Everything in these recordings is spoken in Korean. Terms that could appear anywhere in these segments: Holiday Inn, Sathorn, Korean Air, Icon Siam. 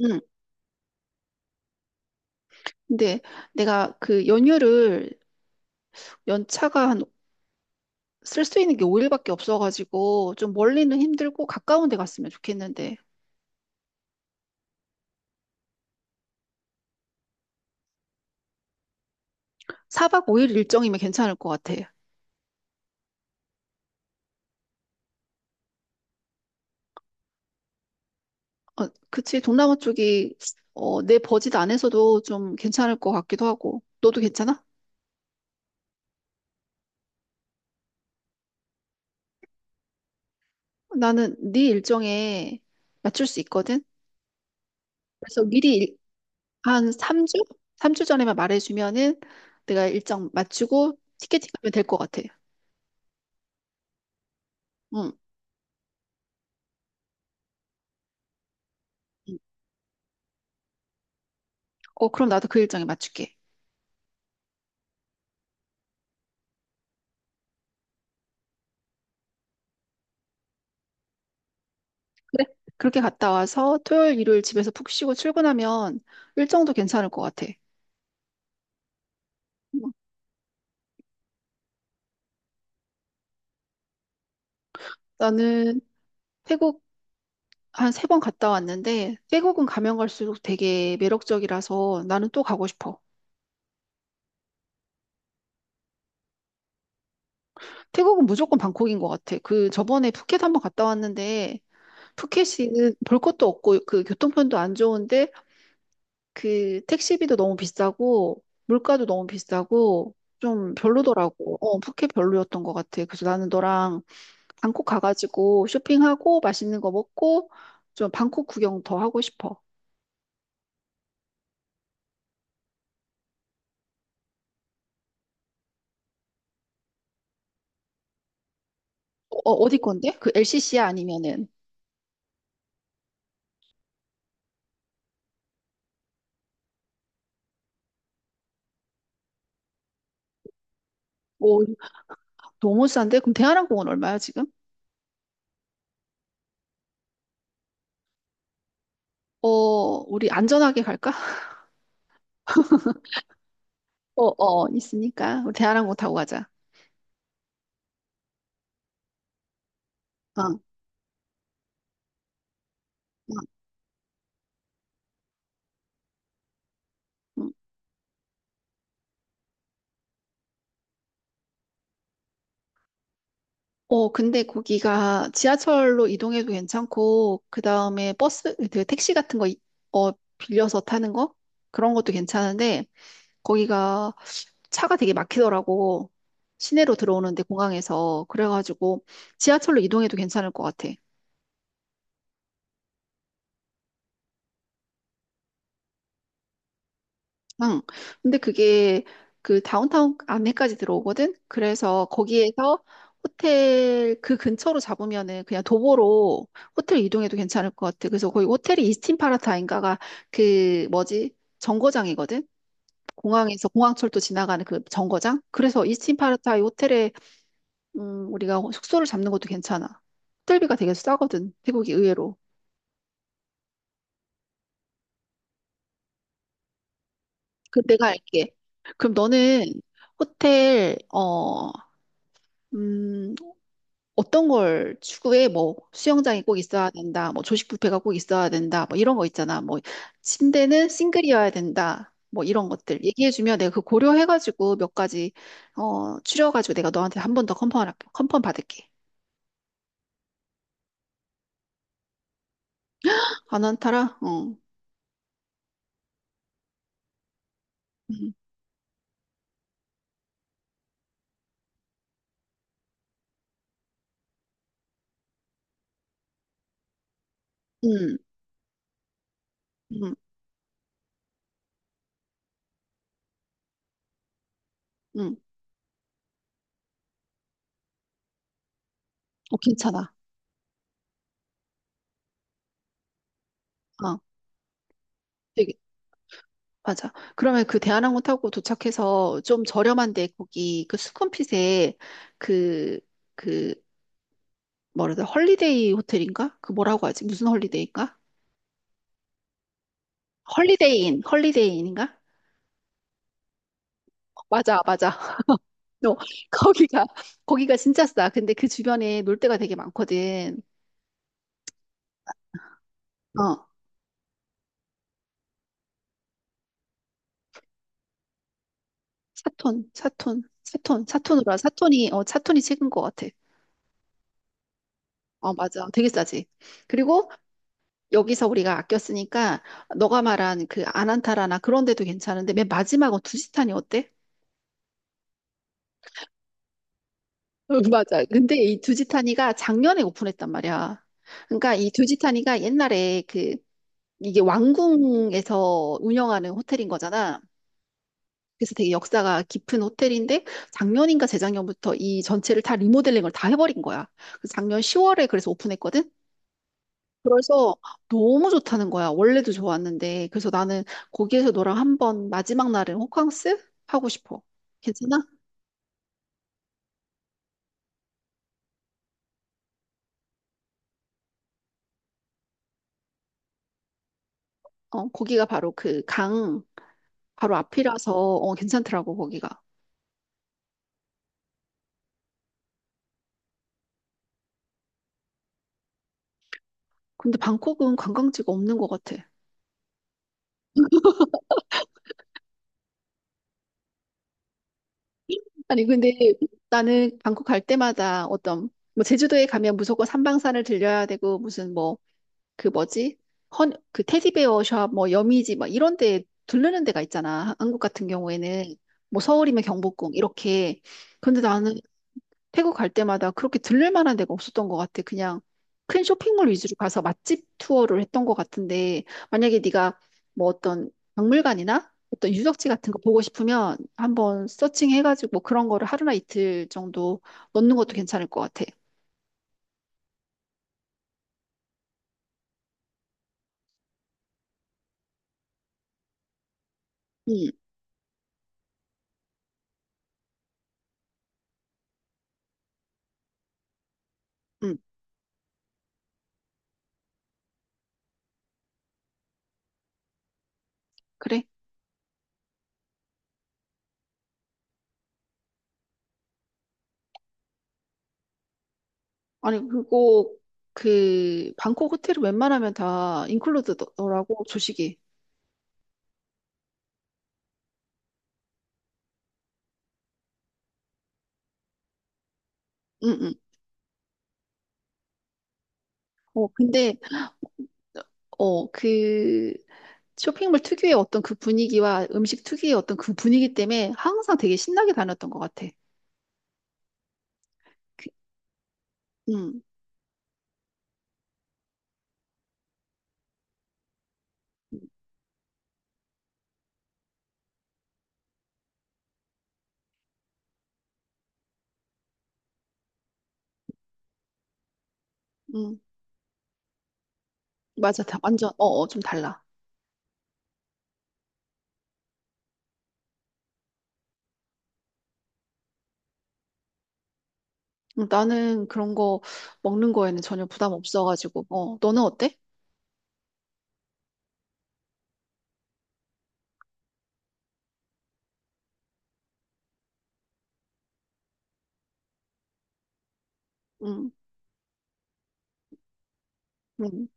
응. 근데 내가 그 연휴를 연차가 한 쓸 수 있는 게 5일밖에 없어가지고 좀 멀리는 힘들고 가까운 데 갔으면 좋겠는데 4박 5일 일정이면 괜찮을 것 같아. 어, 그치. 동남아 쪽이 내 버짓 안에서도 좀 괜찮을 것 같기도 하고. 너도 괜찮아? 나는 네 일정에 맞출 수 있거든. 그래서 미리 한 3주? 3주 전에만 말해주면은 내가 일정 맞추고 티켓팅 하면 될 것 같아. 응. 응. 어, 그럼 나도 그 일정에 맞출게. 그래? 그렇게 갔다 와서 토요일, 일요일 집에서 푹 쉬고 출근하면 일정도 괜찮을 것 같아. 어, 나는 태국 한 세 번 갔다 왔는데 태국은 가면 갈수록 되게 매력적이라서 나는 또 가고 싶어. 태국은 무조건 방콕인 것 같아. 그 저번에 푸켓 한번 갔다 왔는데 푸켓이 볼 것도 없고 그 교통편도 안 좋은데 그 택시비도 너무 비싸고 물가도 너무 비싸고 좀 별로더라고. 어, 푸켓 별로였던 것 같아. 그래서 나는 너랑 방콕 가가지고 쇼핑하고 맛있는 거 먹고 좀 방콕 구경 더 하고 싶어. 어, 어디 건데? 그 LCC야 아니면은? 오, 너무 싼데? 그럼 대한항공은 얼마야 지금? 어, 우리 안전하게 갈까? 어, 어, 있으니까. 우리 대한항공 타고 가자. 어, 어. 어. 근데 거기가 지하철로 이동해도 괜찮고, 그 다음에 버스, 그 택시 같은 거, 어, 빌려서 타는 거? 그런 것도 괜찮은데, 거기가 차가 되게 막히더라고. 시내로 들어오는데, 공항에서. 그래가지고, 지하철로 이동해도 괜찮을 것 같아. 응. 근데 그게 그 다운타운 안에까지 들어오거든? 그래서 거기에서 호텔 그 근처로 잡으면은 그냥 도보로 호텔 이동해도 괜찮을 것 같아. 그래서 거기 호텔이 이스틴 파라타인가가 그 뭐지? 정거장이거든? 공항에서 공항철도 지나가는 그 정거장? 그래서 이스틴 파라타이 호텔에 우리가 숙소를 잡는 것도 괜찮아. 호텔비가 되게 싸거든. 태국이 의외로. 그 내가 알게. 그럼 너는 호텔 어 음, 어떤 걸 추구해? 뭐 수영장이 꼭 있어야 된다. 뭐 조식 뷔페가 꼭 있어야 된다. 뭐 이런 거 있잖아. 뭐 침대는 싱글이어야 된다. 뭐 이런 것들 얘기해주면 내가 그 고려해가지고 몇 가지 어 추려가지고 내가 너한테 한 번 더 컨펌 할게. 컨펌 받을게. 안 한타라? 어. 음. 음. 음. 음. 어 괜찮아. 어. 되게 맞아. 그러면 그 대한항공 타고 도착해서 좀 저렴한데 거기 그 수쿰핏에 그그 뭐라 해야 돼? 헐리데이 호텔인가? 그 뭐라고 하지? 무슨 헐리데이인가? 헐리데이인, 헐리데이인인가? 맞아, 맞아. 너 거기가 거기가 진짜 싸. 근데 그 주변에 놀 데가 되게 많거든. 어, 사톤, 사톤, 사톤, 사톤으로 한 사톤이 어 사톤이 최근 것 같아. 어, 맞아. 되게 싸지. 그리고 여기서 우리가 아꼈으니까 너가 말한 그 아난타라나 그런 데도 괜찮은데 맨 마지막은 두지탄이 어때? 어, 맞아. 근데 이 두지타니가 작년에 오픈했단 말이야. 그러니까 이 두지타니가 옛날에 그 이게 왕궁에서 운영하는 호텔인 거잖아. 그래서 되게 역사가 깊은 호텔인데 작년인가 재작년부터 이 전체를 다 리모델링을 다 해버린 거야. 그래서 작년 10월에 그래서 오픈했거든. 그래서 너무 좋다는 거야. 원래도 좋았는데. 그래서 나는 거기에서 너랑 한번 마지막 날은 호캉스 하고 싶어. 괜찮아? 어, 거기가 바로 그 강 바로 앞이라서 어, 괜찮더라고 거기가. 근데 방콕은 관광지가 없는 것 같아. 아니, 근데 나는 방콕 갈 때마다 어떤, 뭐, 제주도에 가면 무조건 삼방산을 들려야 되고, 무슨 뭐, 그 뭐지? 헌, 그 테디베어 샵, 뭐, 여미지, 막 이런 데 들르는 데가 있잖아. 한국 같은 경우에는. 뭐, 서울이면 경복궁, 이렇게. 근데 나는 태국 갈 때마다 그렇게 들를 만한 데가 없었던 것 같아. 그냥 큰 쇼핑몰 위주로 가서 맛집 투어를 했던 것 같은데, 만약에 네가 뭐 어떤 박물관이나 어떤 유적지 같은 거 보고 싶으면 한번 서칭해가지고 뭐 그런 거를 하루나 이틀 정도 넣는 것도 괜찮을 것 같아. 응, 응, 그래. 아니, 그리고 그 방콕 호텔은 웬만하면 다 인클루드더라고, 조식이. 응, 응. 근데 그 쇼핑몰 특유의 어떤 그 분위기와 음식 특유의 어떤 그 분위기 때문에 항상 되게 신나게 다녔던 것 같아. 그- 음, 음, 음. 맞아. 다 완전, 어, 어, 좀 달라. 나는 그런 거 먹는 거에는 전혀 부담 없어가지고, 어, 너는 어때? 음, 음.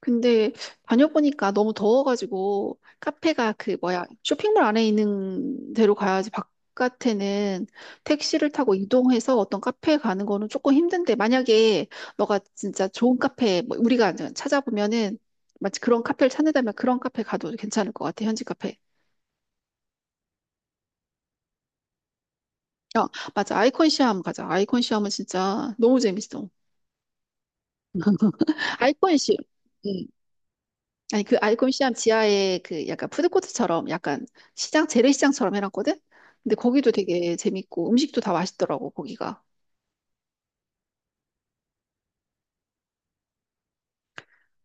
근데 다녀보니까 너무 더워가지고 카페가 그 뭐야 쇼핑몰 안에 있는 데로 가야지 바깥에는 택시를 타고 이동해서 어떤 카페에 가는 거는 조금 힘든데 만약에 너가 진짜 좋은 카페 뭐 우리가 이제 찾아보면은 마치 그런 카페를 찾는다면 그런 카페 가도 괜찮을 것 같아 현지 카페. 어 맞아 아이콘 시암 가자 아이콘 시암은 진짜 너무 재밌어 아이콘 시암. 아니 그 알콜 시암 지하에 그 약간 푸드코트처럼 약간 시장 재래시장처럼 해놨거든. 근데 거기도 되게 재밌고 음식도 다 맛있더라고 거기가.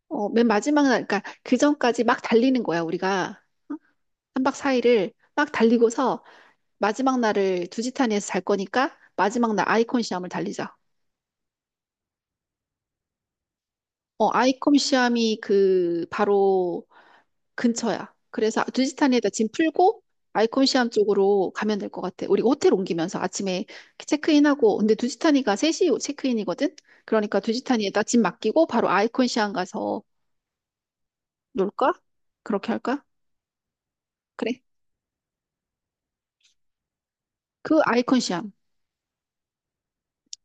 어, 맨 마지막 날 그러니까 그 전까지 막 달리는 거야 우리가 한박사일을 막 달리고서 마지막 날을 두지타니에서 잘 거니까 마지막 날 아이콘 시암을 달리자. 어 아이콘 시암이 그 바로 근처야. 그래서 두지타니에다 짐 풀고 아이콘시암 쪽으로 가면 될 것 같아. 우리 호텔 옮기면서 아침에 체크인하고 근데 두지타니가 세시 체크인이거든. 그러니까 두지타니에다 짐 맡기고 바로 아이콘시암 가서 놀까? 그렇게 할까? 그래. 그 아이콘시암.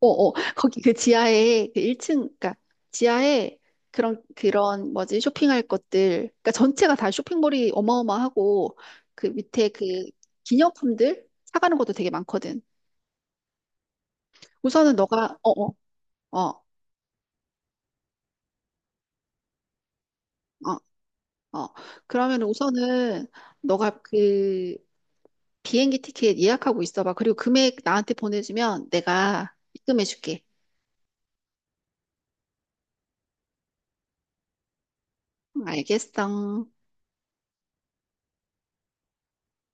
어어. 거기 그 지하에 그 1층 그러니까 지하에 그런 그런 뭐지? 쇼핑할 것들. 그러니까 전체가 다 쇼핑몰이 어마어마하고 그 밑에 그 기념품들 사가는 것도 되게 많거든. 우선은 너가 어어 어 어 어, 어. 어. 그러면 우선은 너가 그 비행기 티켓 예약하고 있어봐. 그리고 금액 나한테 보내주면 내가 입금해줄게. 응, 알겠어.